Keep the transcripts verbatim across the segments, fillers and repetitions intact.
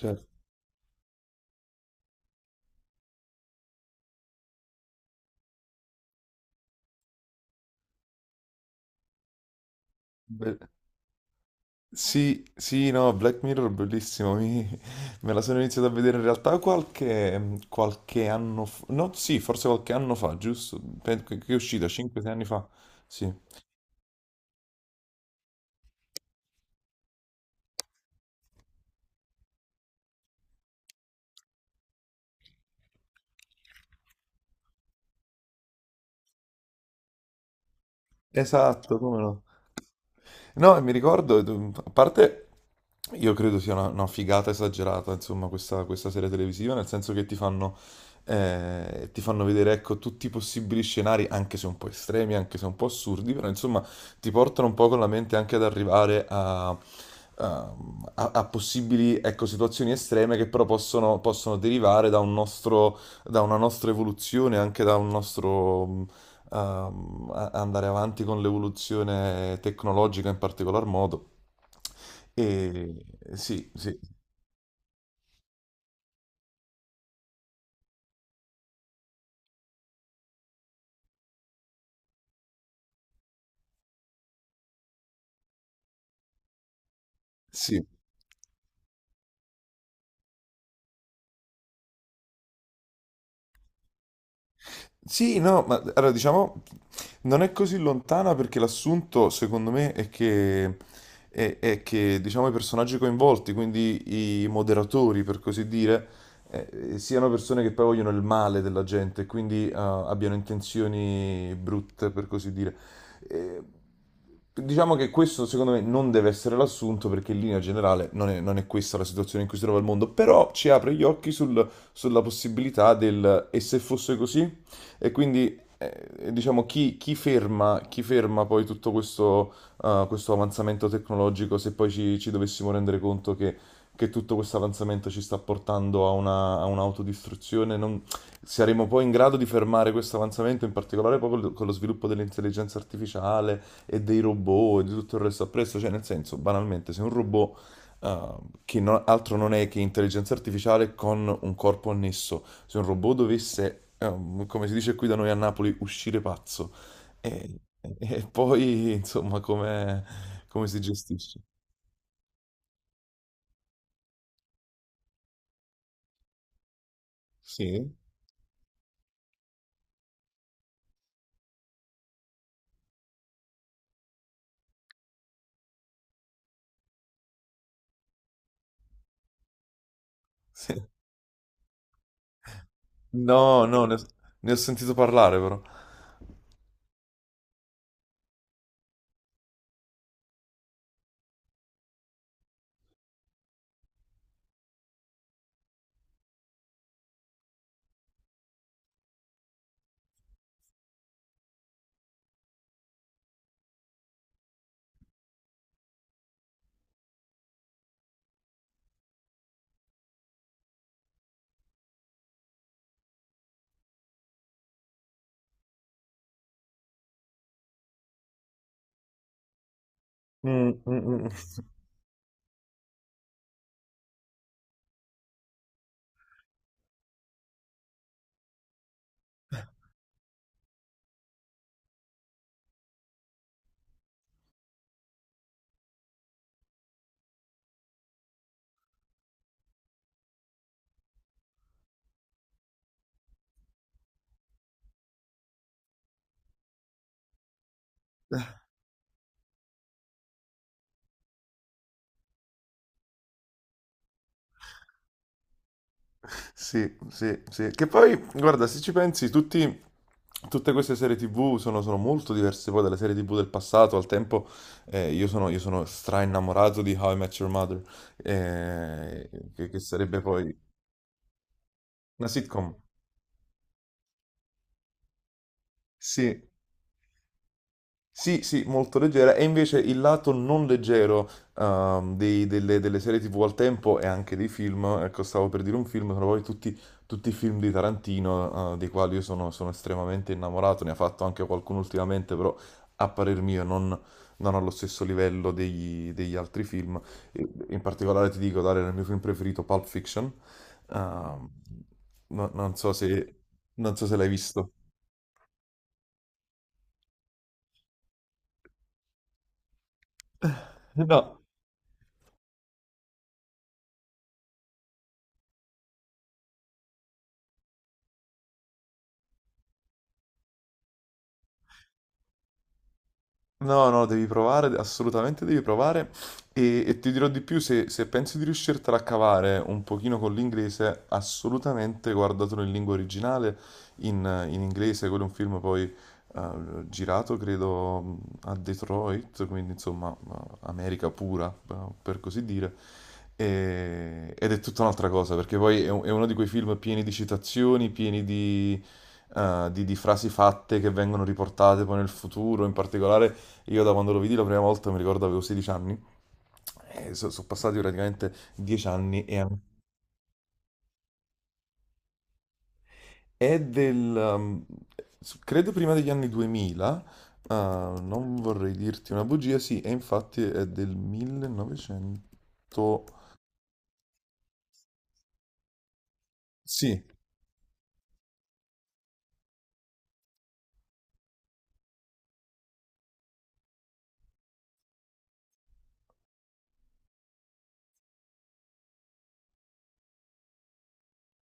Certo, be- sì, sì, no, Black Mirror bellissimo, mi- me la sono iniziata a vedere in realtà qualche, qualche anno fa, no, sì, forse qualche anno fa, giusto? Pen- Che che è uscita, cinque sei anni fa, sì. Esatto, come no? No, e mi ricordo, eh, a parte. Io credo sia una, una figata esagerata, insomma, questa, questa serie televisiva, nel senso che ti fanno, eh, ti fanno vedere, ecco, tutti i possibili scenari, anche se un po' estremi, anche se un po' assurdi, però insomma ti portano un po' con la mente anche ad arrivare a, a- a- a possibili, ecco, situazioni estreme che però possono, possono derivare da un nostro, da una nostra evoluzione, anche da un nostro mh, ehm, a- andare avanti con l'evoluzione tecnologica in particolar modo. E sì, sì, sì. Sì, no, ma allora diciamo non è così lontana perché l'assunto, secondo me, è che, è, è che diciamo, i personaggi coinvolti, quindi i moderatori, per così dire, eh, siano persone che poi vogliono il male della gente, e quindi eh, abbiano intenzioni brutte, per così dire. Eh, diciamo che questo, secondo me, non deve essere l'assunto perché in linea generale non è, non è questa la situazione in cui si trova il mondo, però ci apre gli occhi sul- sulla possibilità del e se fosse così? E quindi eh, diciamo chi, chi ferma, chi ferma poi tutto questo, eh, questo avanzamento tecnologico se poi ci, ci dovessimo rendere conto che, che tutto questo avanzamento ci sta portando a una, a un'autodistruzione, non- saremo poi in grado di fermare questo avanzamento, in particolare poi col- con lo sviluppo dell'intelligenza artificiale e dei robot e di tutto il resto appresso, cioè nel senso, banalmente, se un robot Uh, che no- altro non è che intelligenza artificiale con un corpo annesso. Se un robot dovesse, um, come si dice qui da noi a Napoli, uscire pazzo, e, e poi insomma come, come si gestisce? Sì. Sì. No, no, ne ho, ne ho sentito parlare però. Mm, mm, mm. Sì, sì, sì. Che poi, guarda, se ci pensi, tutti, tutte queste serie T V sono, sono molto diverse poi dalle serie T V del passato. Al tempo, eh, io sono, io sono stra innamorato di How I Met Your Mother, eh, che, che sarebbe poi una sitcom. Sì. Sì, sì, molto leggera. E invece il lato non leggero ehm, dei- delle, delle serie T V al tempo e anche dei film, ecco, stavo per dire un film, sono poi tutti, tutti i film di Tarantino, eh, dei quali io sono, sono estremamente innamorato, ne ha fatto anche qualcuno ultimamente, però a parer mio non, non allo stesso livello degli, degli altri film. E- In particolare ti dico, Dario, il mio film preferito, Pulp Fiction. Ehm, no- non so se, non so se l'hai visto. No. No, no, devi provare, assolutamente devi provare e, e ti dirò di più, se, se pensi di riuscirtela a cavare un pochino con l'inglese, assolutamente guardatelo in lingua originale, in, in inglese, quello è un film poi eh, girato, credo, a Detroit, quindi insomma eh, America pura, eh, per così dire. E- ed è tutta un'altra cosa, perché poi è, un- è uno di quei film pieni di citazioni, pieni di eh, di di frasi fatte che vengono riportate poi nel futuro, in particolare, io da quando lo vidi la prima volta mi ricordo avevo sedici anni, e so- sono passati praticamente dieci anni e an- È del, um, s- credo prima degli anni duemila. Ah, non vorrei dirti una bugia, sì, e infatti è del millenovecento. Sì.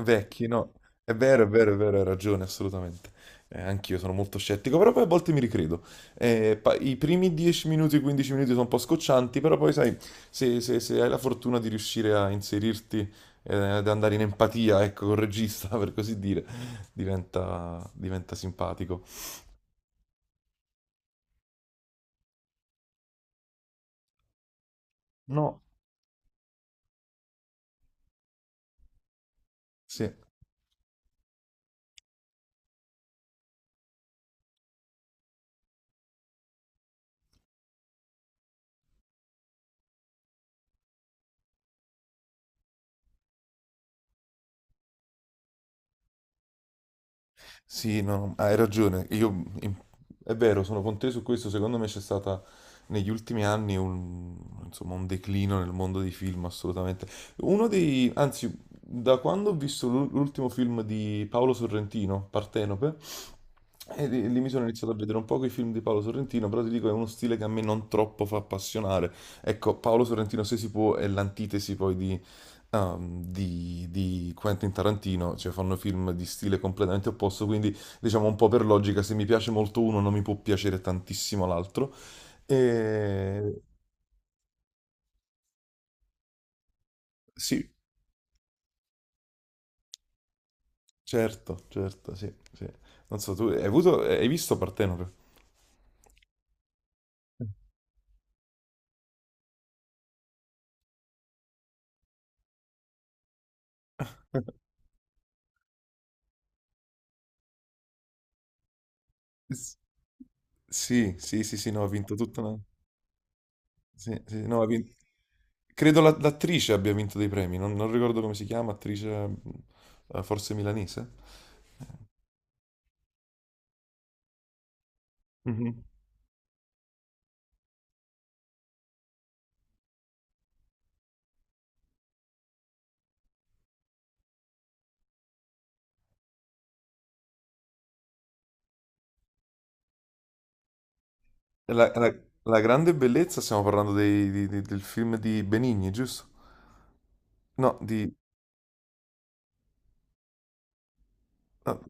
Vecchi, no? È vero, è vero, è vero, hai ragione, assolutamente. Eh, anch'io sono molto scettico, però poi a volte mi ricredo. Eh, pa- i primi dieci minuti, quindici minuti sono un po' scoccianti, però poi sai, se, se- se hai la fortuna di riuscire a inserirti, eh, ad andare in empatia, ecco, col regista, per così dire, diventa, diventa simpatico. No. Sì. Sì, no, hai ragione. Io, in- è vero, sono con te su questo. Secondo me c'è stata negli ultimi anni un, insomma, un declino nel mondo dei film, assolutamente. Uno dei, anzi, da quando ho visto l'ul- l'ultimo film di Paolo Sorrentino, Partenope, e lì lì mi sono iniziato a vedere un po' i film di Paolo Sorrentino, però ti dico, è uno stile che a me non troppo fa appassionare. Ecco, Paolo Sorrentino, se si può, è l'antitesi poi di ehm, di, di Quentin Tarantino, cioè fanno film di stile completamente opposto, quindi diciamo un po' per logica, se mi piace molto uno non mi può piacere tantissimo l'altro. E... Sì, certo, certo, sì, sì. Non so, tu hai avuto, hai visto Partenope? S- Sì, sì, sì, sì, no, ha vinto tutta una. Sì, sì, no, ha vinto. Credo la- l'attrice abbia vinto dei premi, non, non ricordo come si chiama, attrice mm, eh, forse milanese. La, la- la grande bellezza, stiamo parlando dei- di- di- del film di Benigni, giusto? No, di, no.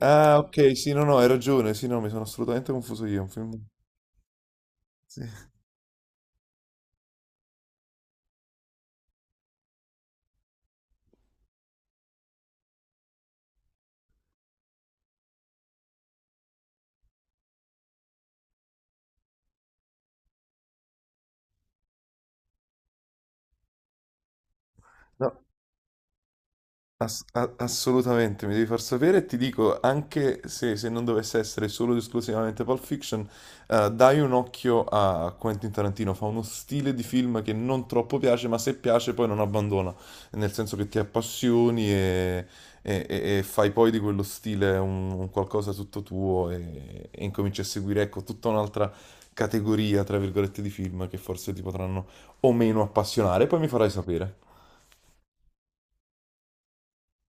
Ah, ok, sì, no, no, hai ragione, sì, no, mi sono assolutamente confuso io, è un film. Sì. No, Ass- a- assolutamente, mi devi far sapere e ti dico, anche se, se non dovesse essere solo ed esclusivamente Pulp Fiction, eh, dai un occhio a Quentin Tarantino, fa uno stile di film che non troppo piace, ma se piace poi non abbandona, nel senso che ti appassioni e, e- e- e fai poi di quello stile un, un qualcosa tutto tuo e, e incominci a seguire, ecco, tutta un'altra categoria, tra virgolette, di film che forse ti potranno o meno appassionare, poi mi farai sapere.